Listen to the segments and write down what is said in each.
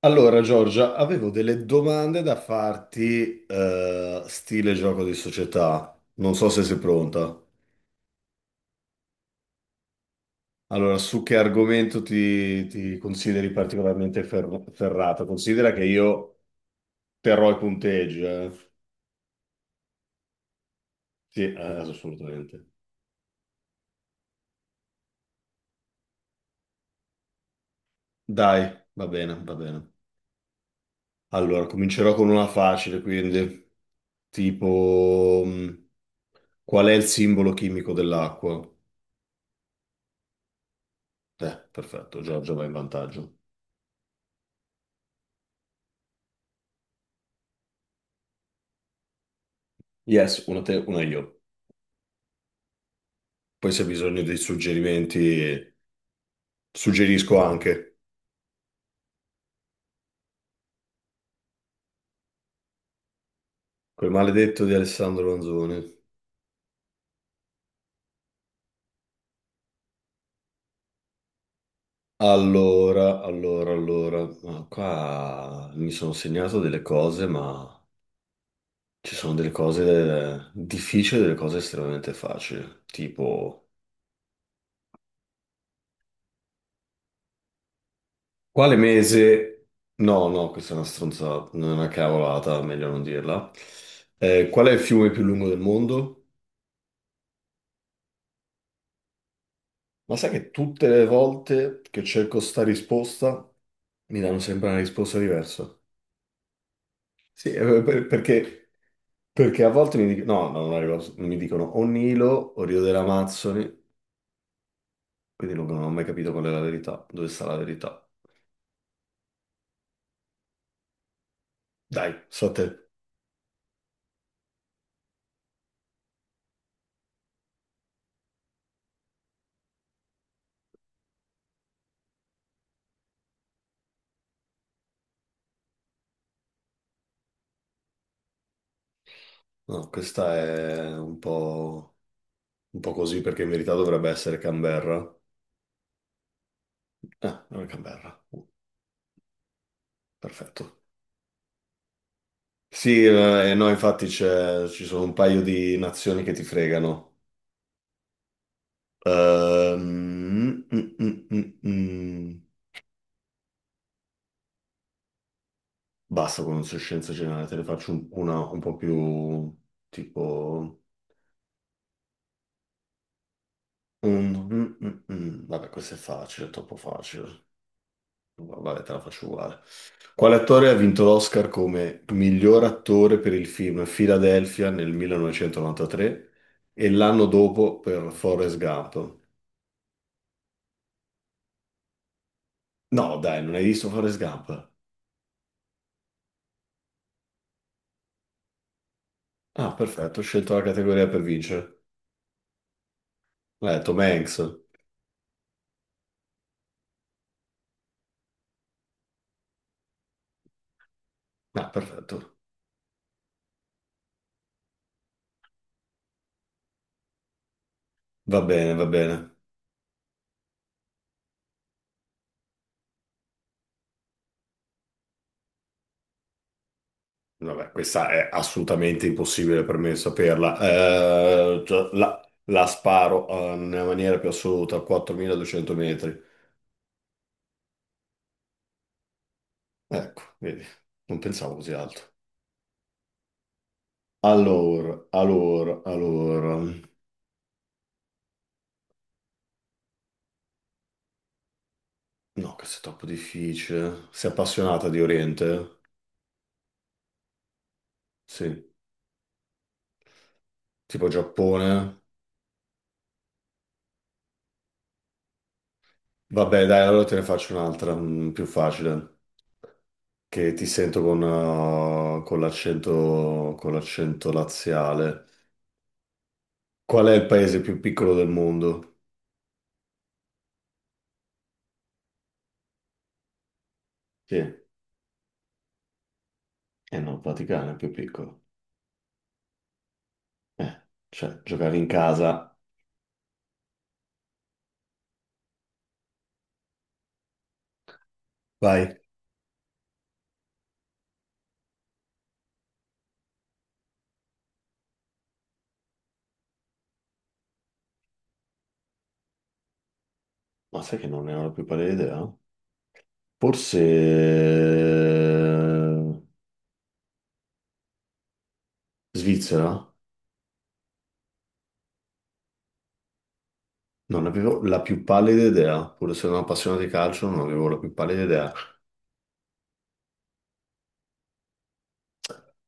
Allora, Giorgia, avevo delle domande da farti, stile gioco di società. Non so se sei pronta. Allora, su che argomento ti consideri particolarmente ferrata? Considera che io terrò i punteggi, eh? Sì, assolutamente. Dai, va bene, va bene. Allora, comincerò con una facile, quindi, tipo, qual è il simbolo chimico dell'acqua? Perfetto, Giorgia va in vantaggio. Yes, una te, una io. Poi se hai bisogno dei suggerimenti, suggerisco anche quel maledetto di Alessandro Manzoni. Allora, allora, allora, ma qua mi sono segnato delle cose, ma ci sono delle cose difficili e delle cose estremamente facili. Tipo, quale mese? No, no, questa è una stronzata, non è una cavolata, meglio non dirla. Qual è il fiume più lungo del mondo? Ma sai che tutte le volte che cerco sta risposta mi danno sempre una risposta diversa. Sì, perché a volte mi dicono, no, no, non arrivo, mi dicono o Nilo o Rio delle Amazzoni, quindi non ho mai capito qual è la verità, dove sta la verità. Dai, so te. No, questa è un po' così perché in verità dovrebbe essere Canberra. Ah, non è Canberra. Perfetto. Sì, no, infatti ci sono un paio di nazioni che ti fregano. Ehm, mm, mm, mm, mm. mm. Basta con scienza generale, te ne faccio una un po' più tipo. Vabbè, questa è facile, è troppo facile. Vabbè, te la faccio uguale. Quale attore ha vinto l'Oscar come miglior attore per il film Philadelphia nel 1993 e l'anno dopo per Forrest Gump? No, dai, non hai visto Forrest Gump? Ah, perfetto, ho scelto la categoria per vincere. L'ha detto Tom Hanks. Ah, perfetto. Va bene, va bene. Vabbè, questa è assolutamente impossibile per me saperla. Cioè, la sparo nella maniera più assoluta a 4.200 metri. Ecco, vedi, non pensavo così alto. Allora, allora, allora. No, questo è troppo difficile. Sei appassionata di Oriente? Sì. Tipo Giappone? Vabbè, dai, allora te ne faccio un'altra, più facile. Che ti sento con l'accento laziale. Qual è il paese più piccolo del mondo? Sì, no, il Vaticano è il più piccolo. Eh, cioè, giocare in casa. Vai. Ma sai che non ne ho la più pallida idea? Forse Svizzera? Non avevo la più pallida idea, pur essendo un appassionato di calcio, non avevo la più pallida idea.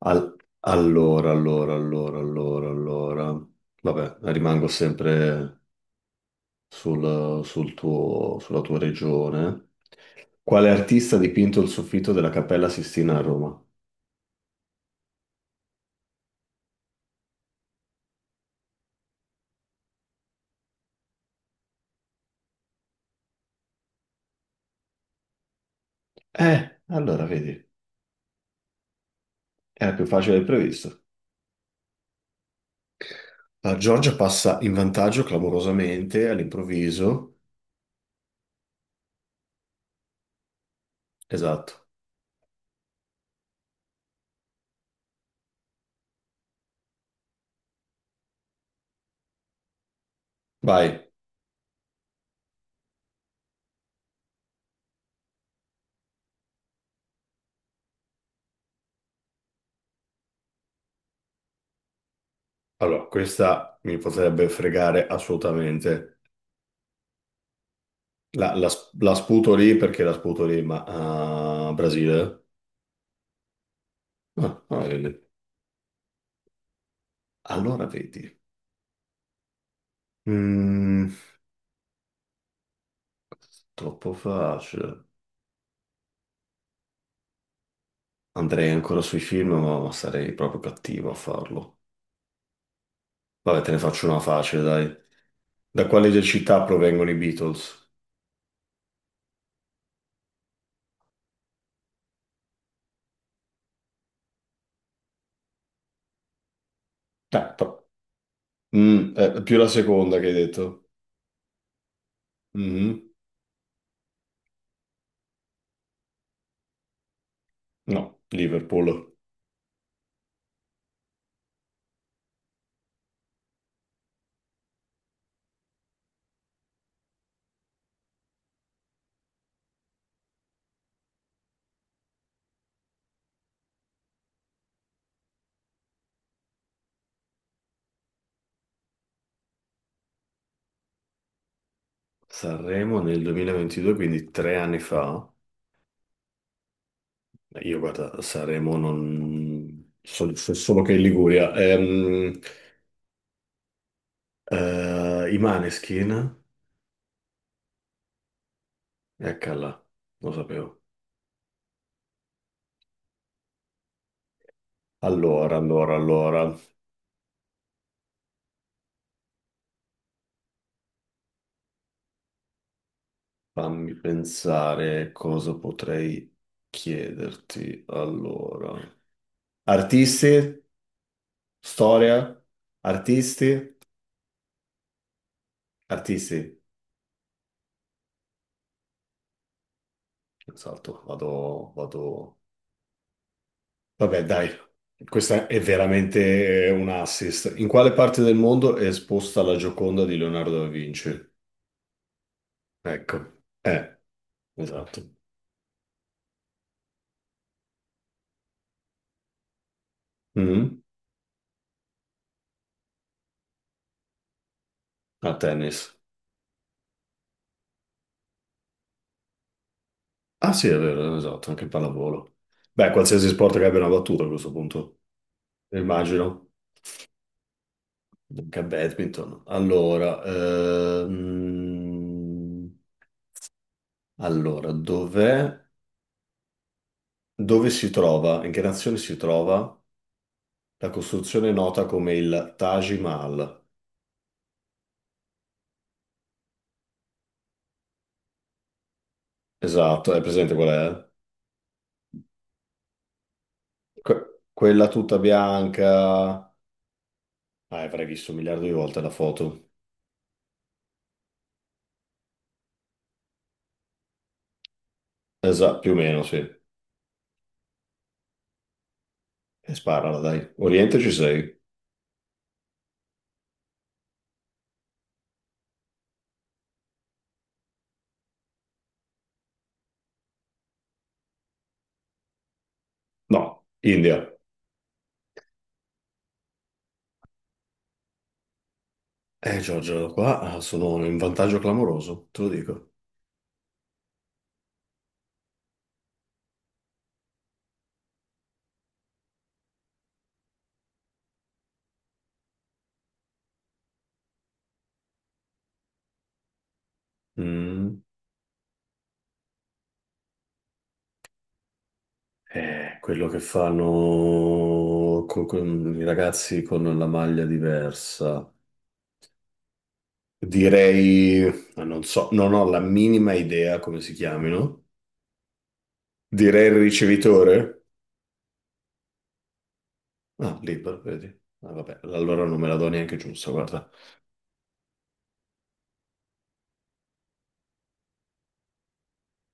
Allora, allora, allora, allora, allora. Vabbè, rimango sempre sulla tua regione. Quale artista ha dipinto il soffitto della Cappella Sistina a Roma? Allora vedi, era più facile del previsto. La Giorgia passa in vantaggio clamorosamente all'improvviso. Esatto. Vai. Allora, questa mi potrebbe fregare assolutamente. La sputo lì perché la sputo lì, ma a Brasile? Ah, ah, vedi. Allora vedi. Mm, Troppo facile. Andrei ancora sui film, ma sarei proprio cattivo a farlo. Vabbè, te ne faccio una facile, dai. Da quale città provengono i Beatles? Eh, però- Più la seconda che hai detto. Mhm. No, Liverpool. Sanremo nel 2022, quindi 3 anni fa. Io guarda, Sanremo non so, so solo che in Liguria. I Maneskin? Eccola, lo sapevo. Allora, allora, allora. Fammi pensare cosa potrei chiederti. Allora, artisti, storia, artisti, artisti. Esatto, vado, vado. Vabbè, dai, questa è veramente un assist. In quale parte del mondo è esposta la Gioconda di Leonardo da Vinci? Ecco, eh, esatto. Mhm. A tennis. Ah, sì, è vero, esatto, anche pallavolo. Beh, qualsiasi sport che abbia una battuta a questo punto, immagino. Dunque, badminton. Allora, allora, dove si trova, in che nazione si trova la costruzione nota come il Taj Mahal? Esatto, è presente qual è? Quella tutta bianca. Ah, avrai visto un miliardo di volte la foto. Esatto, più o meno, sì. E sparala, dai. Oriente ci sei? No, India. Giorgio, qua sono in vantaggio clamoroso, te lo dico. Mm. Quello che fanno con i ragazzi con la maglia diversa. Direi, ah, non so, non ho la minima idea come si chiamino. Direi il ricevitore. Ah, libero, vedi. Ah, vabbè, allora non me la do neanche giusta, guarda.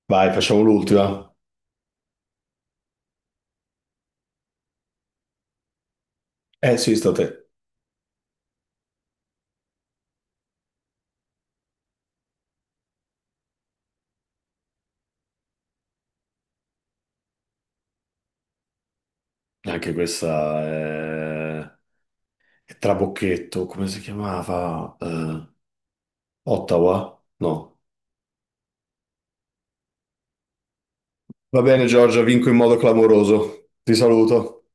Vai, facciamo l'ultima. Eh sì, sta a te. Anche questa è Trabocchetto, come si chiamava? Ottawa? No. Va bene, Giorgia, vinco in modo clamoroso. Ti saluto.